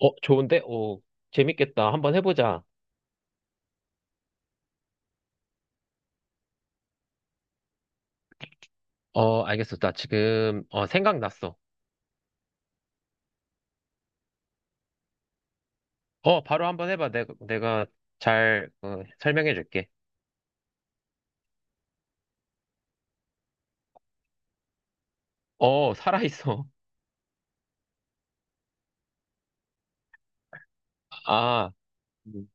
좋은데? 재밌겠다. 한번 해보자. 알겠어. 나 지금, 생각났어. 바로 한번 해봐. 내가 잘, 설명해줄게. 살아있어. 아, 음.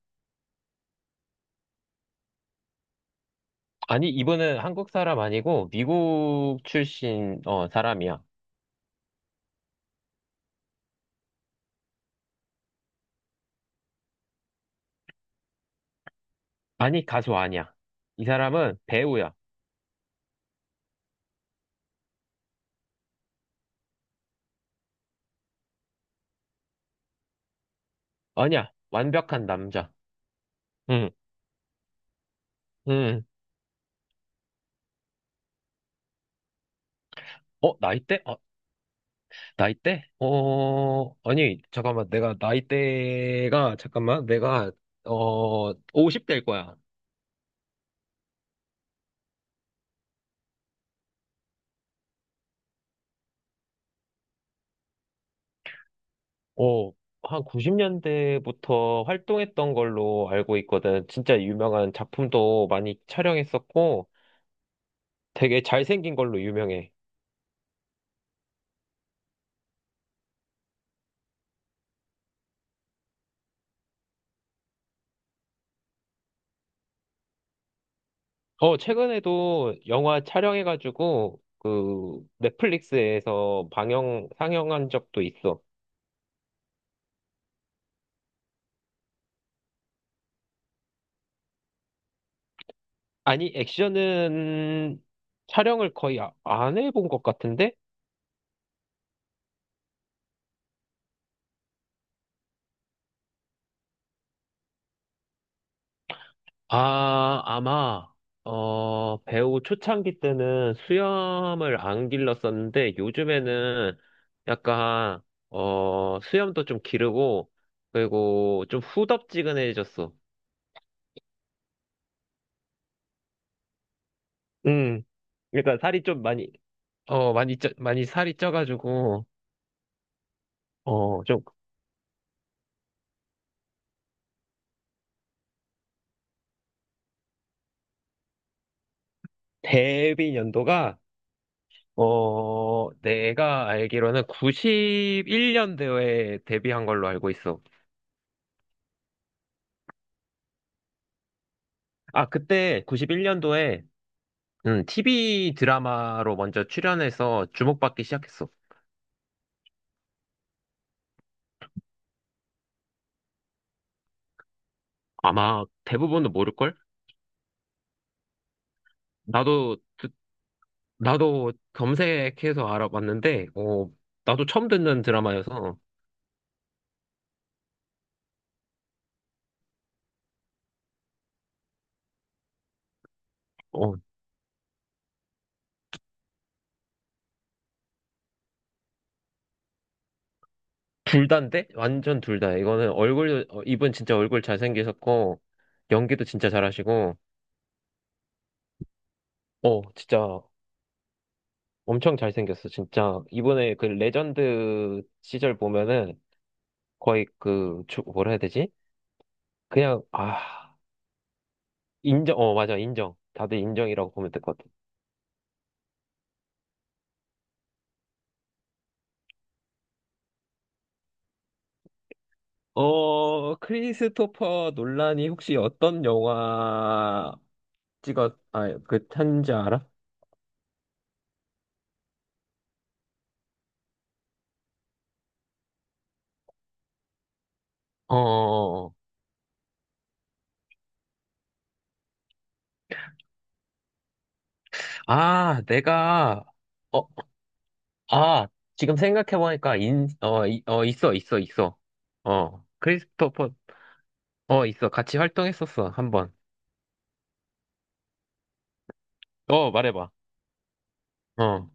아니, 이분은 한국 사람 아니고, 미국 출신, 사람이야. 아니, 가수 아니야. 이 사람은 배우야. 아니야. 완벽한 남자. 응, 응. 나이대? 나이대? 아니, 잠깐만. 내가 나이대가, 잠깐만. 내가, 50대일 거야. 어, 한 90년대부터 활동했던 걸로 알고 있거든. 진짜 유명한 작품도 많이 촬영했었고, 되게 잘생긴 걸로 유명해. 최근에도 영화 촬영해가지고, 그, 넷플릭스에서 방영, 상영한 적도 있어. 아니, 액션은 촬영을 거의 안 해본 것 같은데? 아, 아마, 배우 초창기 때는 수염을 안 길렀었는데, 요즘에는 약간, 수염도 좀 기르고, 그리고 좀 후덥지근해졌어. 음, 그러니까 살이 좀 많이, 많이 쪄, 많이 살이 쪄가지고, 좀 데뷔 연도가, 내가 알기로는 91년도에 데뷔한 걸로 알고 있어. 아, 그때 91년도에 응, TV 드라마로 먼저 출연해서 주목받기 시작했어. 아마 대부분도 모를걸? 나도, 듣- 나도 검색해서 알아봤는데, 나도 처음 듣는 드라마여서, 어, 둘 다인데? 완전 둘 다. 이거는 얼굴, 이분 진짜 얼굴 잘생기셨고, 연기도 진짜 잘하시고, 진짜 엄청 잘생겼어. 진짜. 이번에 그 레전드 시절 보면은 거의 그, 뭐라 해야 되지? 그냥, 아. 인정, 맞아, 인정. 다들 인정이라고 보면 될 것 같아. 크리스토퍼 논란이 혹시 어떤 영화 탄지 알아? 어, 어, 어. 아, 어, 아, 지금 생각해보니까, 인, 어, 이- 어, 있어. 크리스토퍼, 있어. 같이 활동했었어, 한 번. 말해봐. 어.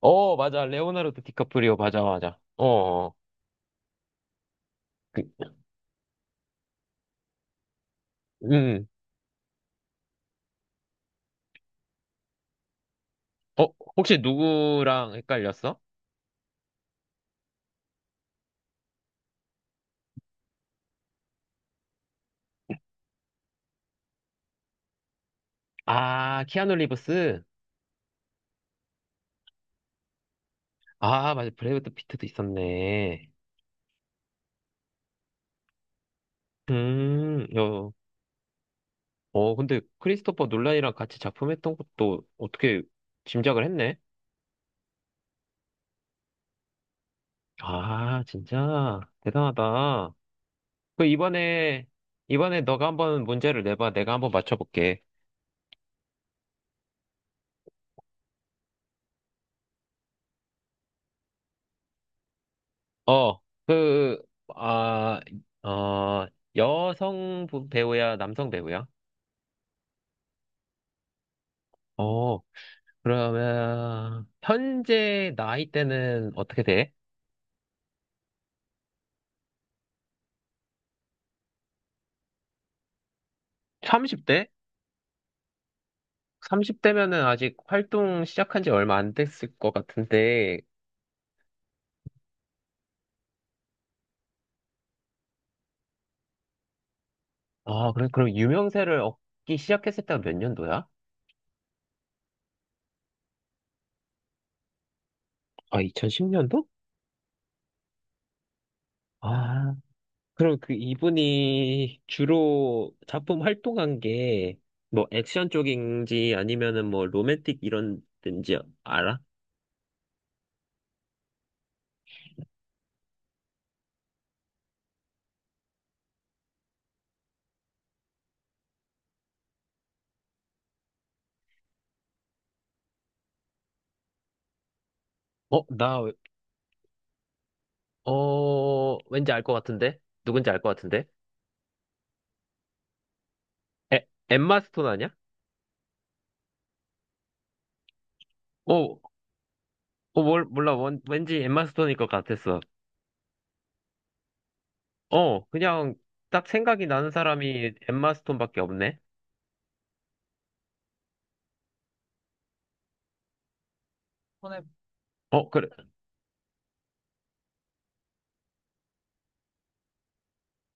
맞아. 레오나르도 디카프리오, 맞아, 맞아. 어, 어. 어. 그, 음. 어, 혹시 누구랑 헷갈렸어? 아, 키아누 리브스? 아, 맞아. 브래드 피트도 있었네. 음, 어, 근데 크리스토퍼 놀란이랑 같이 작품했던 것도 어떻게 짐작을 했네? 아, 진짜 대단하다. 그 이번에 너가 한번 문제를 내봐. 내가 한번 맞춰볼게. 어, 그, 아, 어, 여성 배우야, 남성 배우야? 어, 그러면 현재 나이대는 어떻게 돼? 30대? 30대면은 아직 활동 시작한 지 얼마 안 됐을 것 같은데, 아, 그래, 그럼 유명세를 얻기 시작했을 때가 몇 년도야? 아, 2010년도? 아, 그럼 그 이분이 주로 작품 활동한 게, 뭐, 액션 쪽인지 아니면은 뭐, 로맨틱 이런 데인지 알아? 어, 나, 왠지 알 것 같은데? 누군지 알 것 같은데? 엠마 스톤 아니야? 어, 몰라. 왠지 엠마 스톤일 것 같았어. 그냥 딱 생각이 나는 사람이 엠마 스톤밖에 없네. 손에 그래.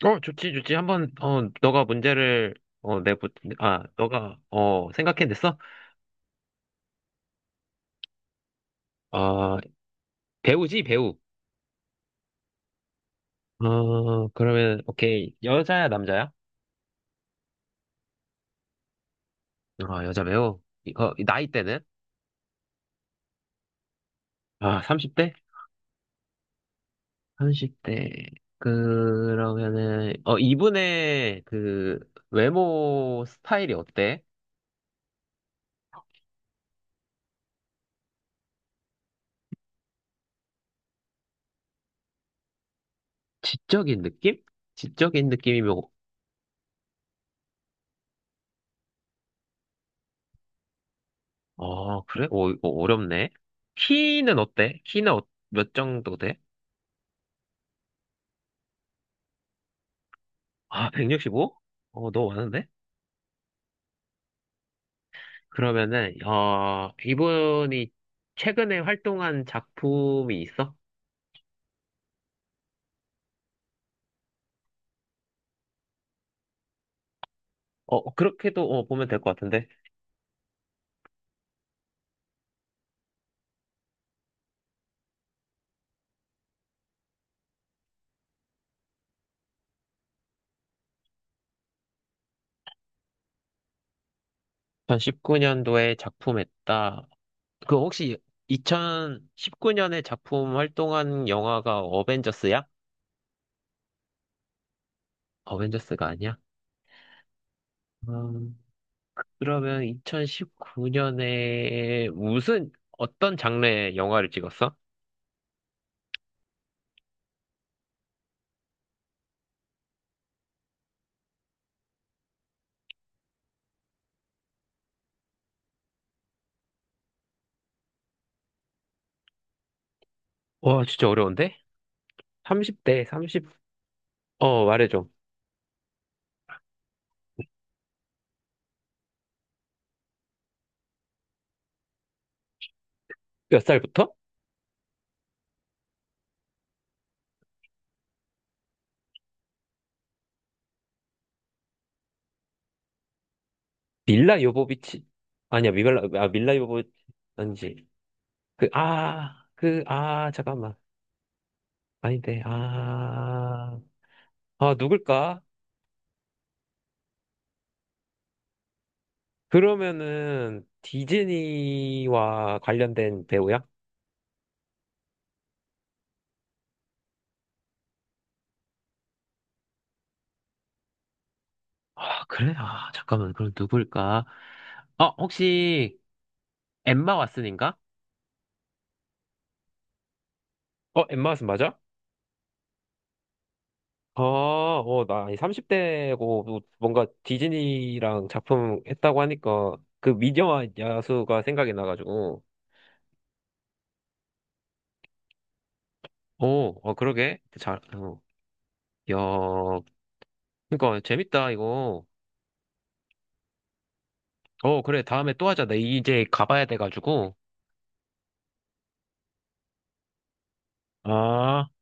좋지, 좋지. 한번, 어, 너가 문제를, 어, 내보, 아, 너가, 생각해냈어? 어, 배우지, 배우. 그러면, 오케이. 여자야, 남자야? 아, 여자 배우. 이거, 나이대는? 아, 30대? 30대. 그러면은, 이분의 그, 외모 스타일이 어때? 지적인 느낌? 지적인 느낌이면 아, 그래? 오, 이거 어렵네. 키는 어때? 키는 몇 정도 돼? 아, 165? 너무 많은데? 그러면은, 이분이 최근에 활동한 작품이 있어? 그렇게도 보면 될 것 같은데. 2019년도에 작품했다. 그 혹시 2019년에 작품 활동한 영화가 어벤져스야? 어벤져스가 아니야? 음, 그러면 2019년에 어떤 장르의 영화를 찍었어? 와, 진짜 어려운데? 30대, 30, 말해줘. 몇 살부터? 밀라 요보비치. 아니야, 아, 아니지. 잠깐만. 아닌데, 아, 누굴까? 그러면은, 디즈니와 관련된 배우야? 아, 그래? 아, 잠깐만. 그럼 누굴까? 혹시, 엠마 왓슨인가? 엠마 왓슨 맞아? 아, 나이 30대고 뭔가 디즈니랑 작품 했다고 하니까 그 미녀와 야수가 생각이 나가지고. 오, 그러게. 잘. 야, 그러니까 재밌다, 이거. 그래. 다음에 또 하자. 나 이제 가봐야 돼가지고. 아.